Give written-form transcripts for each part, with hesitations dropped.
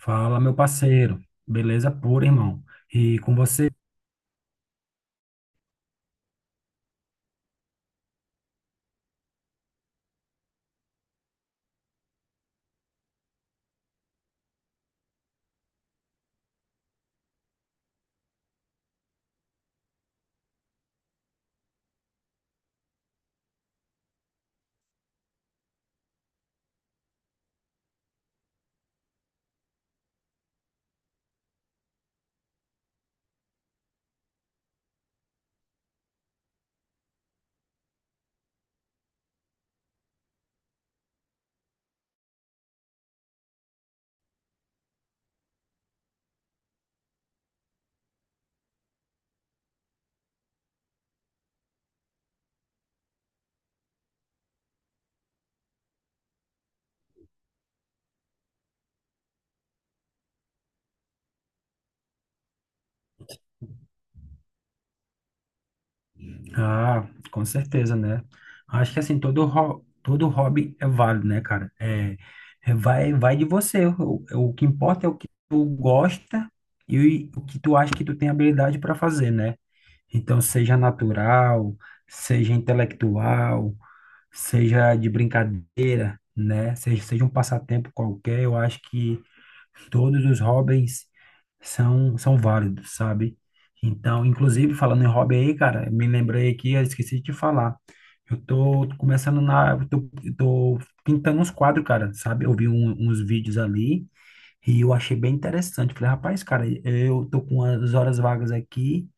Fala, meu parceiro. Beleza pura, irmão. E com você? Ah, com certeza, né? Acho que assim, todo hobby é válido, né, cara? Vai de você. O que importa é o que tu gosta e o que tu acha que tu tem habilidade para fazer, né? Então, seja natural, seja intelectual, seja de brincadeira, né? Seja um passatempo qualquer, eu acho que todos os hobbies são válidos, sabe? Então, inclusive, falando em hobby aí, cara, me lembrei aqui, eu esqueci de te falar. Eu tô pintando uns quadros, cara, sabe? Eu vi uns vídeos ali e eu achei bem interessante. Falei, rapaz, cara, eu tô com as horas vagas aqui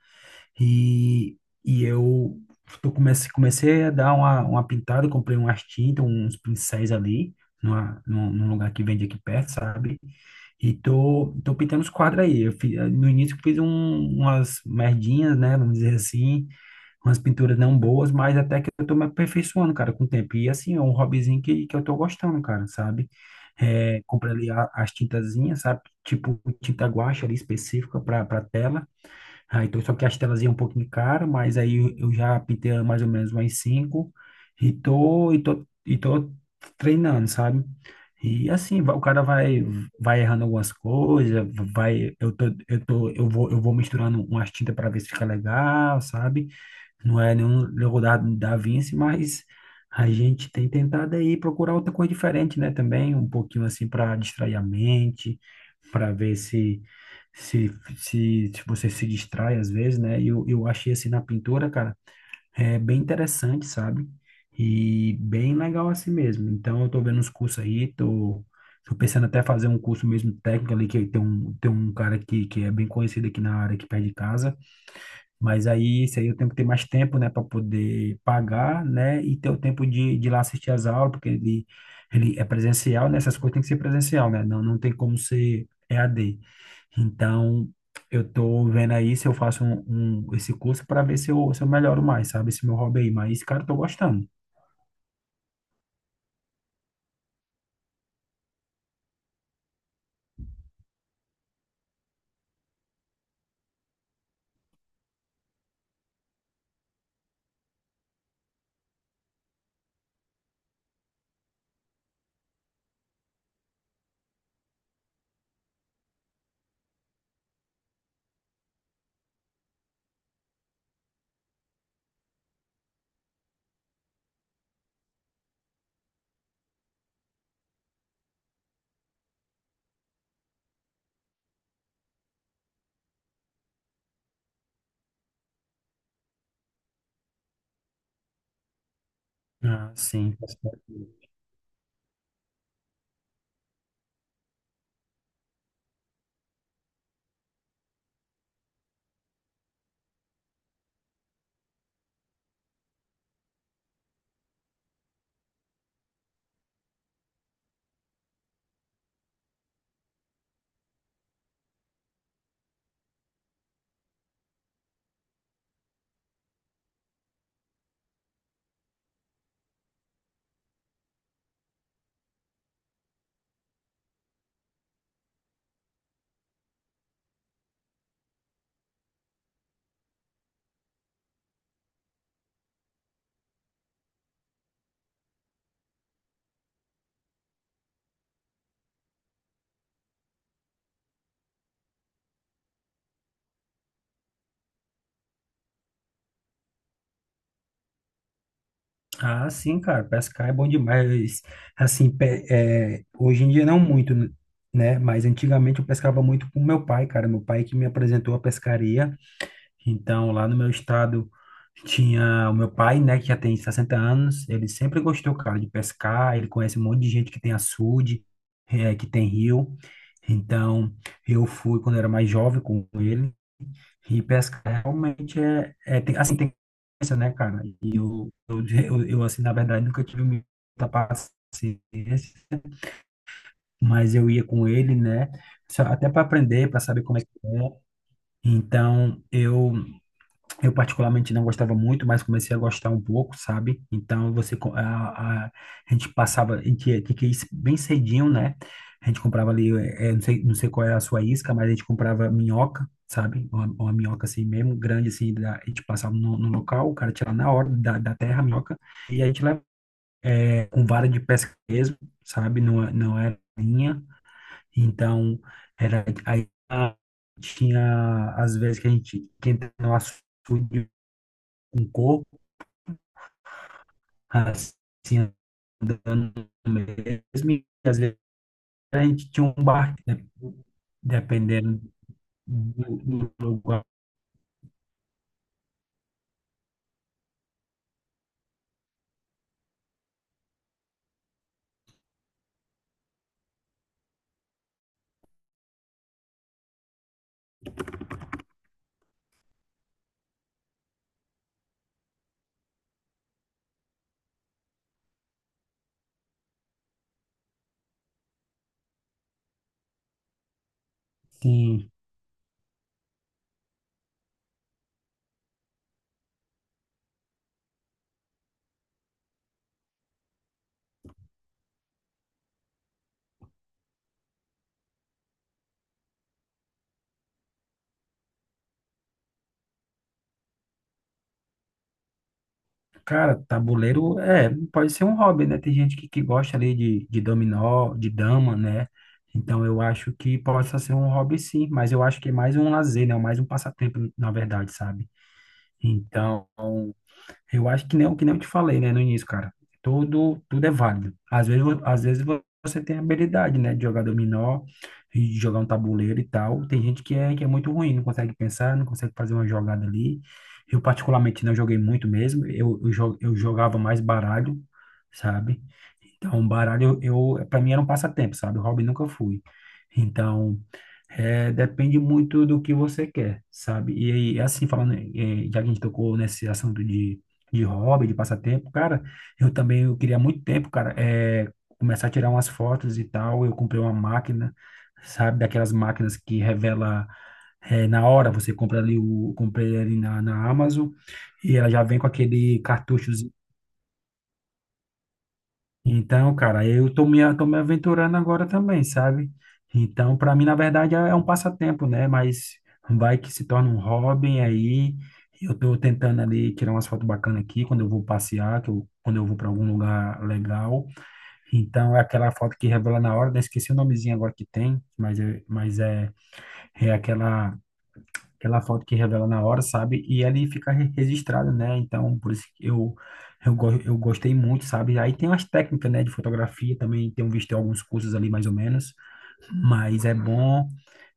e, eu comecei a dar uma pintada, comprei umas tintas, uns pincéis ali, num lugar que vende aqui perto, sabe? E tô pintando os quadros aí. No início eu fiz umas merdinhas, né? Vamos dizer assim, umas pinturas não boas, mas até que eu tô me aperfeiçoando, cara, com o tempo. E assim, é um hobbyzinho que eu tô gostando, cara, sabe? É, comprei ali as tintazinhas, sabe? Tipo tinta guache ali específica para tela. Ah, então, só que as telas iam um pouquinho cara, mas aí eu já pintei mais ou menos umas cinco e tô treinando, sabe? E assim, o cara vai, vai errando algumas coisas, vai, eu vou misturando umas tintas para ver se fica legal, sabe? Não é nenhum Leonardo da Vinci, mas a gente tem tentado aí procurar outra coisa diferente, né? Também um pouquinho assim para distrair a mente, para ver se se você se distrai às vezes, né? E eu achei assim na pintura, cara, é bem interessante, sabe? E bem legal assim mesmo. Então eu tô vendo uns cursos aí, tô pensando até fazer um curso mesmo técnico ali, que tem um cara que é bem conhecido aqui na área, aqui perto de casa, mas aí, isso aí eu tenho que ter mais tempo, né, para poder pagar, né, e ter o tempo de ir lá assistir as aulas, porque ele é presencial, né, essas coisas tem que ser presencial, né, não, não tem como ser EAD. Então, eu tô vendo aí se eu faço esse curso para ver se eu melhoro mais, sabe, esse meu hobby aí. Mas, cara, eu tô gostando. Ah, sim. Ah, sim, cara, pescar é bom demais. Assim, é, hoje em dia não muito, né? Mas antigamente eu pescava muito com meu pai, cara. Meu pai que me apresentou a pescaria. Então, lá no meu estado tinha o meu pai, né, que já tem 60 anos, ele sempre gostou, cara, de pescar, ele conhece um monte de gente que tem açude, que tem rio. Então, eu fui quando era mais jovem com ele, e pescar realmente é, é tem, assim, tem coisa, né, cara? E assim, na verdade, nunca tive muita paciência, mas eu ia com ele, né, até para aprender, para saber como é que é. Então, eu particularmente não gostava muito, mas comecei a gostar um pouco, sabe? Então você a gente passava, que é isso bem cedinho, né? A gente comprava ali, não sei, não sei qual é a sua isca, mas a gente comprava minhoca, sabe? Uma minhoca assim mesmo, grande assim, a gente passava no, no local, o cara tirava na hora da terra a minhoca, e a gente levava com vara de pesca mesmo, sabe? Não, não era linha, então era aí tinha às vezes que a gente que entrava no açude com assim, andando mesmo. E às vezes a gente tinha um barco, né, dependendo do, do lugar. Assim, cara, tabuleiro é, pode ser um hobby, né? Tem gente que gosta ali de dominó, de dama, né? Então eu acho que possa ser um hobby sim, mas eu acho que é mais um lazer, né? É mais um passatempo, na verdade, sabe? Então, eu acho que nem, o que nem eu te falei, né, no início, cara. Tudo é válido. Às vezes, você tem habilidade, né, de jogar dominó, e de jogar um tabuleiro e tal. Tem gente que é muito ruim, não consegue pensar, não consegue fazer uma jogada ali. Eu, particularmente, não joguei muito mesmo. Eu jogava mais baralho, sabe? Então, baralho, para mim era um passatempo, sabe? O hobby nunca fui. Então, é, depende muito do que você quer, sabe? E aí, assim, falando, já que a gente tocou nesse assunto de hobby, de passatempo, cara, eu também eu queria há muito tempo, cara, é, começar a tirar umas fotos e tal. Eu comprei uma máquina, sabe, daquelas máquinas que revela é, na hora. Você compra ali comprei ali na Amazon e ela já vem com aquele cartucho então, cara, eu tô me aventurando agora também, sabe? Então, para mim, na verdade, é um passatempo, né? Mas vai que se torna um hobby aí. Eu tô tentando ali tirar umas fotos bacanas aqui quando eu vou passear, que eu, quando eu vou para algum lugar legal. Então, é aquela foto que revela na hora, né? Esqueci o nomezinho agora que tem, mas é, é aquela foto que revela na hora, sabe? E ali fica registrado, né? Então, por isso que eu gostei muito, sabe? Aí tem umas técnicas, né, de fotografia também, tenho visto em alguns cursos ali, mais ou menos. Mas é bom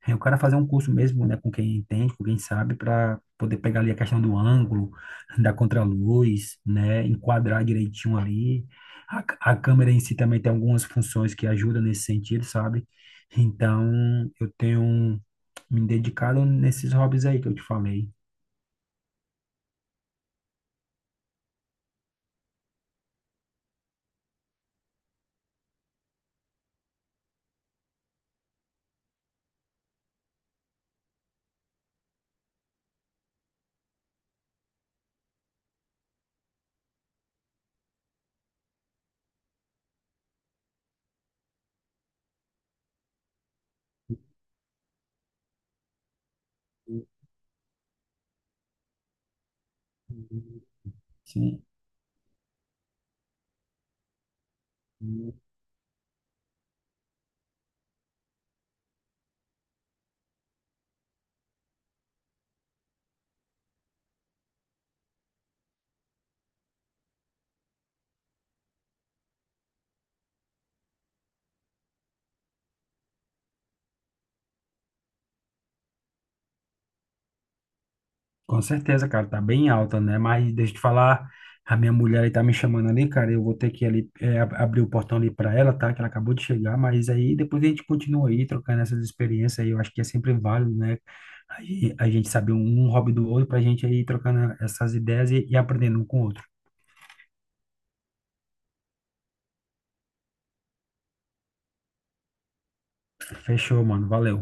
é, o cara fazer um curso mesmo, né, com quem entende, com quem sabe, para poder pegar ali a questão do ângulo, da contraluz, né, enquadrar direitinho ali. A câmera em si também tem algumas funções que ajudam nesse sentido, sabe? Então, eu tenho me dedicado nesses hobbies aí que eu te falei. Sim. Com certeza, cara, tá bem alta, né? Mas deixa eu te falar, a minha mulher aí tá me chamando ali, cara. Eu vou ter que ali é, abrir o portão ali pra ela, tá? Que ela acabou de chegar, mas aí depois a gente continua aí trocando essas experiências aí. Eu acho que é sempre válido, né? A gente saber um hobby do outro pra gente aí trocando essas ideias e aprendendo um com o outro. Fechou, mano. Valeu.